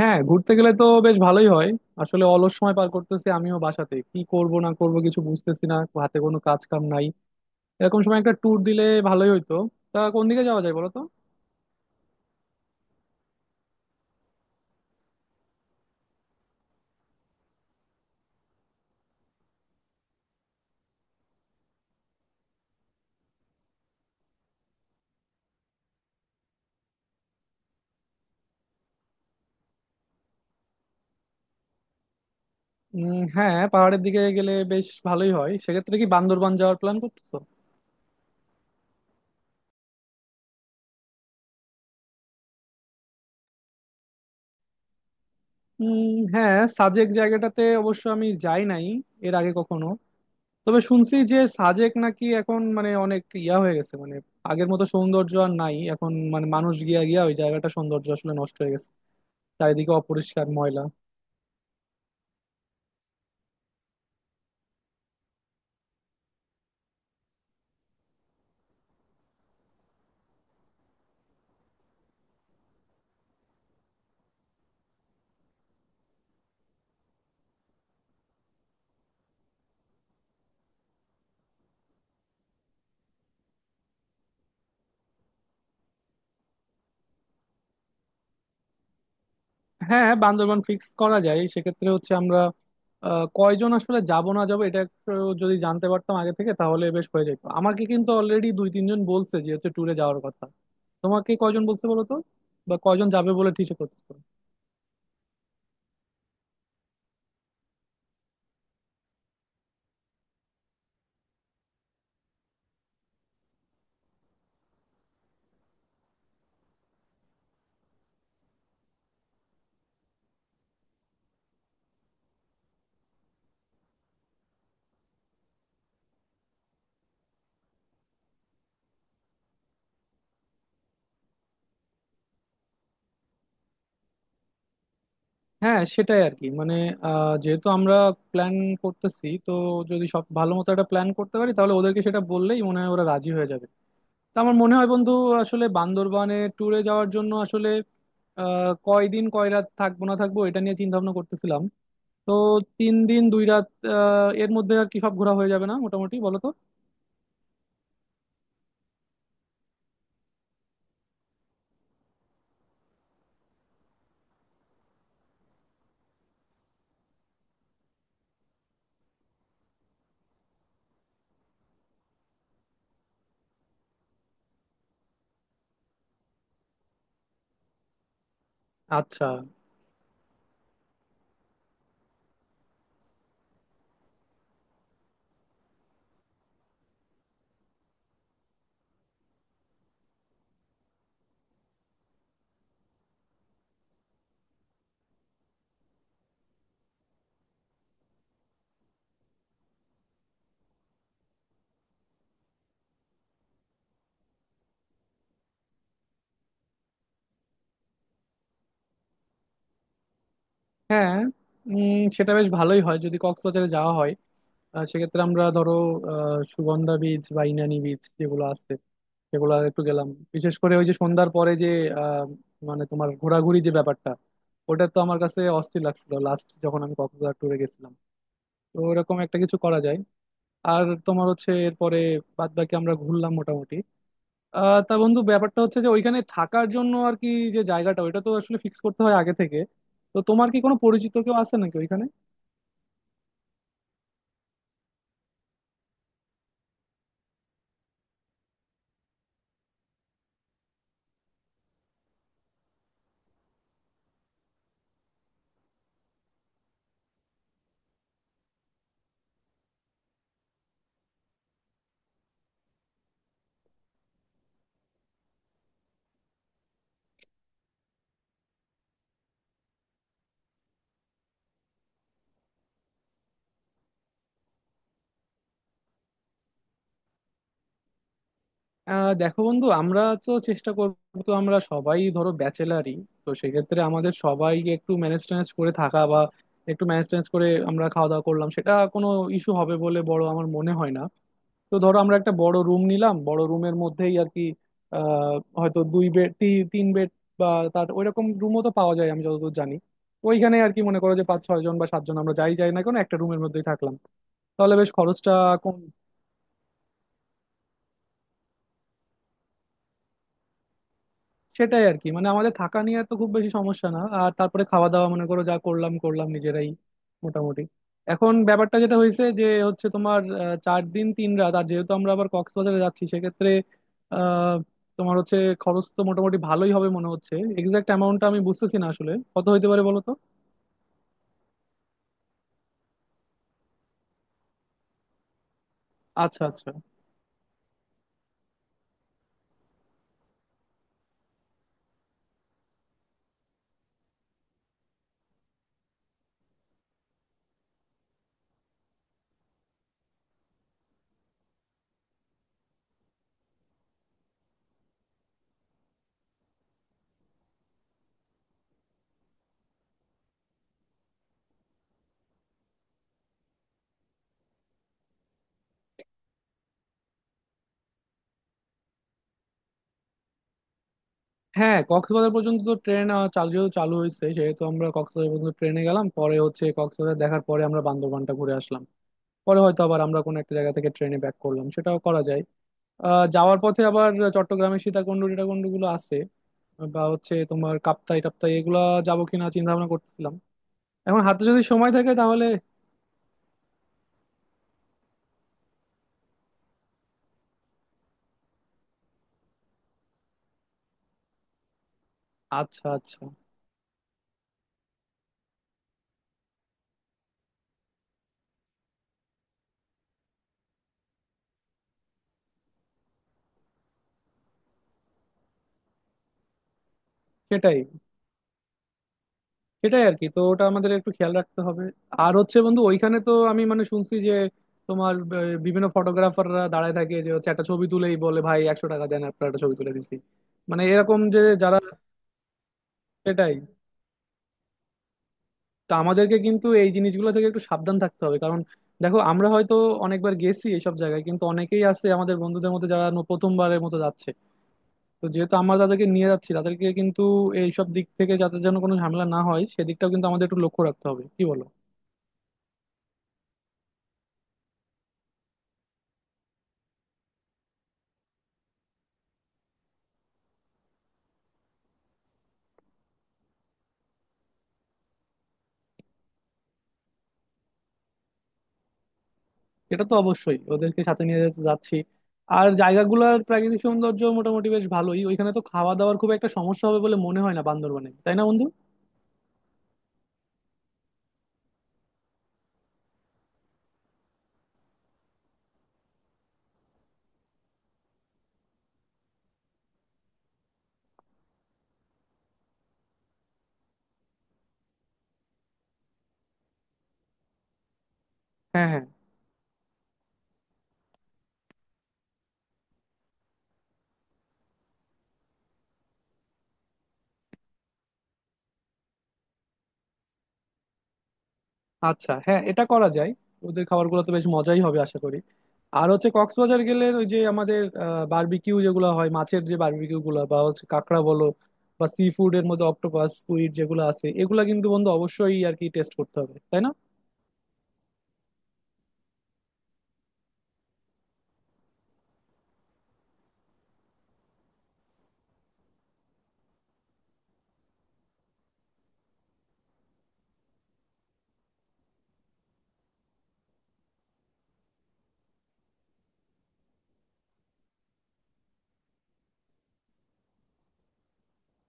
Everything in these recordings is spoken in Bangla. হ্যাঁ ঘুরতে গেলে তো বেশ ভালোই হয়। আসলে অলস সময় পার করতেছি আমিও, বাসাতে কি করব না করব কিছু বুঝতেছি না। হাতে কোনো কাজ কাম নাই। এরকম সময় একটা ট্যুর দিলে ভালোই হইতো। তা কোন দিকে যাওয়া যায় বলো তো? হ্যাঁ, পাহাড়ের দিকে গেলে বেশ ভালোই হয়। সেক্ষেত্রে কি বান্দরবান যাওয়ার প্ল্যান করতেছো? হ্যাঁ, সাজেক জায়গাটাতে অবশ্য আমি যাই নাই এর আগে কখনো। তবে শুনছি যে সাজেক নাকি এখন মানে অনেক ইয়া হয়ে গেছে, মানে আগের মতো সৌন্দর্য আর নাই এখন, মানে মানুষ গিয়া গিয়া ওই জায়গাটা সৌন্দর্য আসলে নষ্ট হয়ে গেছে। চারিদিকে অপরিষ্কার, ময়লা। হ্যাঁ, বান্দরবান ফিক্স করা যায়। সেক্ষেত্রে হচ্ছে আমরা, কয়জন আসলে যাব না যাব এটা একটু, যদি জানতে পারতাম আগে থেকে তাহলে বেশ হয়ে যেত। আমাকে কিন্তু অলরেডি 2-3 জন বলছে যে হচ্ছে ট্যুরে যাওয়ার কথা। তোমাকে কয়জন বলছে বলো তো, বা কয়জন যাবে বলে ঠিক করতেছো? হ্যাঁ, সেটাই আর কি। মানে, যেহেতু আমরা প্ল্যান করতেছি তো, যদি সব ভালো মতো একটা প্ল্যান করতে পারি তাহলে ওদেরকে সেটা বললেই মনে হয় ওরা রাজি হয়ে যাবে। তা আমার মনে হয় বন্ধু, আসলে বান্দরবানে ট্যুরে যাওয়ার জন্য আসলে কয়দিন কয় রাত থাকবো না থাকবো এটা নিয়ে চিন্তা ভাবনা করতেছিলাম। তো 3 দিন 2 রাত, এর মধ্যে আর কি সব ঘোরা হয়ে যাবে না মোটামুটি বলো তো? আচ্ছা, হ্যাঁ। সেটা বেশ ভালোই হয় যদি কক্সবাজারে যাওয়া হয়। সেক্ষেত্রে আমরা ধরো, সুগন্ধা বিচ বা ইনানি বিচ যেগুলো আছে সেগুলো একটু গেলাম। বিশেষ করে ওই যে সন্ধ্যার পরে যে, আহ, মানে তোমার ঘোরাঘুরি যে ব্যাপারটা, ওটা তো আমার কাছে অস্থির লাগছিল লাস্ট যখন আমি কক্সবাজার ট্যুরে গেছিলাম। তো এরকম একটা কিছু করা যায়। আর তোমার হচ্ছে এরপরে বাদ বাকি আমরা ঘুরলাম মোটামুটি। তা বন্ধু, ব্যাপারটা হচ্ছে যে ওইখানে থাকার জন্য আর কি, যে জায়গাটা ওইটা তো আসলে ফিক্স করতে হয় আগে থেকে। তো তোমার কি কোনো পরিচিত কেউ আছে নাকি ওইখানে? দেখো বন্ধু, আমরা তো চেষ্টা করবো। তো আমরা সবাই ধরো ব্যাচেলারই, তো সেক্ষেত্রে আমাদের সবাইকে একটু ম্যানেজ ট্যানেজ করে থাকা বা একটু ম্যানেজ ট্যানেজ করে আমরা খাওয়া দাওয়া করলাম সেটা কোনো ইস্যু হবে বলে বড় আমার মনে হয় না। তো ধরো আমরা একটা বড় রুম নিলাম, বড় রুমের মধ্যেই আর কি, আহ, হয়তো 2 বেড, 3 বেড, বা তার ওইরকম রুমও তো পাওয়া যায় আমি যতদূর জানি ওইখানে আর কি। মনে করো যে 5-6 জন বা 7 জন আমরা যাই যাই না কেন, একটা রুমের মধ্যেই থাকলাম, তাহলে বেশ খরচটা কম। সেটাই আর কি, মানে আমাদের থাকা নিয়ে তো খুব বেশি সমস্যা না। আর তারপরে খাওয়া দাওয়া মনে করো যা করলাম করলাম নিজেরাই মোটামুটি। এখন ব্যাপারটা যেটা হয়েছে যে হচ্ছে তোমার, 4 দিন 3 রাত, আর যেহেতু আমরা আবার কক্সবাজারে যাচ্ছি সেক্ষেত্রে আহ তোমার হচ্ছে খরচ তো মোটামুটি ভালোই হবে মনে হচ্ছে। এক্সাক্ট অ্যামাউন্টটা আমি বুঝতেছি না আসলে কত হইতে পারে বলো তো। আচ্ছা, আচ্ছা। হ্যাঁ, কক্সবাজার পর্যন্ত তো ট্রেন চালু, যেহেতু চালু হয়েছে সেহেতু আমরা কক্সবাজার পর্যন্ত ট্রেনে গেলাম, পরে হচ্ছে কক্সবাজার দেখার পরে আমরা বান্দরবানটা ঘুরে আসলাম। পরে হয়তো আবার আমরা কোনো একটা জায়গা থেকে ট্রেনে ব্যাক করলাম, সেটাও করা যায়। যাওয়ার পথে আবার চট্টগ্রামের সীতাকুণ্ড টিটাকুণ্ড গুলো আছে, বা হচ্ছে তোমার কাপ্তাই টাপ্তাই এগুলা যাবো কিনা চিন্তা ভাবনা করতেছিলাম, এখন হাতে যদি সময় থাকে তাহলে। আচ্ছা, আচ্ছা। সেটাই, সেটাই আর কি, তো ওটা আমাদের একটু খেয়াল রাখতে হবে। আর হচ্ছে বন্ধু, ওইখানে তো আমি মানে শুনছি যে তোমার, বিভিন্ন ফটোগ্রাফাররা দাঁড়ায় থাকে যে হচ্ছে একটা ছবি তুলেই বলে, ভাই 100 টাকা দেন আপনার একটা ছবি তুলে দিছি। মানে এরকম যে যারা। সেটাই, তো আমাদেরকে কিন্তু এই জিনিসগুলো থেকে একটু সাবধান থাকতে হবে। কারণ দেখো, আমরা হয়তো অনেকবার গেছি এইসব জায়গায়, কিন্তু অনেকেই আছে আমাদের বন্ধুদের মধ্যে যারা প্রথমবারের মতো যাচ্ছে। তো যেহেতু আমরা তাদেরকে নিয়ে যাচ্ছি, তাদেরকে কিন্তু এইসব দিক থেকে যাতে যেন কোনো ঝামেলা না হয় সেদিকটাও কিন্তু আমাদের একটু লক্ষ্য রাখতে হবে, কি বলো? এটা তো অবশ্যই, ওদেরকে সাথে নিয়ে যেহেতু যাচ্ছি। আর জায়গাগুলোর প্রাকৃতিক সৌন্দর্য মোটামুটি বেশ ভালোই। ওইখানে তো খাওয়া দাওয়ার খুব একটা সমস্যা হবে বলে মনে হয় না বান্দরবানে, তাই না বন্ধু? হ্যাঁ, হ্যাঁ। আচ্ছা, হ্যাঁ, এটা করা যায়। ওদের খাবারগুলো তো বেশ মজাই হবে আশা করি। আর হচ্ছে কক্সবাজার গেলে ওই যে আমাদের বারবিকিউ যেগুলো হয়, মাছের যে বারবিকিউ গুলো, বা হচ্ছে কাঁকড়া বলো, বা সি ফুড এর মধ্যে অক্টোপাস স্কুইড যেগুলো আছে, এগুলা কিন্তু বন্ধু অবশ্যই আর কি টেস্ট করতে হবে তাই না?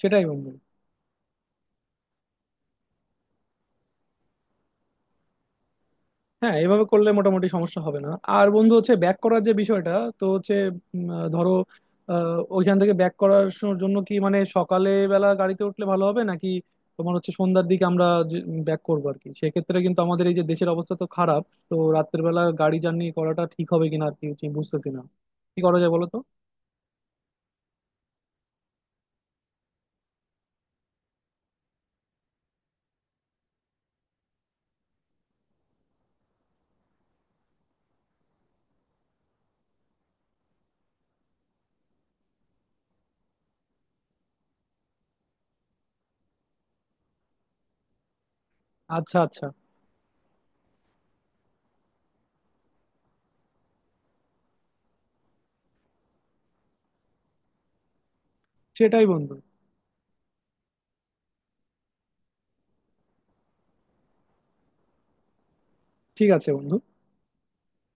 সেটাই বন্ধু। হ্যাঁ, এভাবে করলে মোটামুটি সমস্যা হবে না। আর বন্ধু হচ্ছে ব্যাক করার যে বিষয়টা, তো হচ্ছে, ধরো, ওইখান থেকে ব্যাক করার জন্য কি মানে সকালে বেলা গাড়িতে উঠলে ভালো হবে নাকি তোমার হচ্ছে সন্ধ্যার দিকে আমরা ব্যাক করবো আর কি? সেক্ষেত্রে কিন্তু আমাদের এই যে দেশের অবস্থা তো খারাপ, তো রাত্রের বেলা গাড়ি জার্নি করাটা ঠিক হবে কিনা আর কি বুঝতেছি না, কি করা যায় বলো তো? আচ্ছা, আচ্ছা। সেটাই বন্ধু। ঠিক আছে বন্ধু।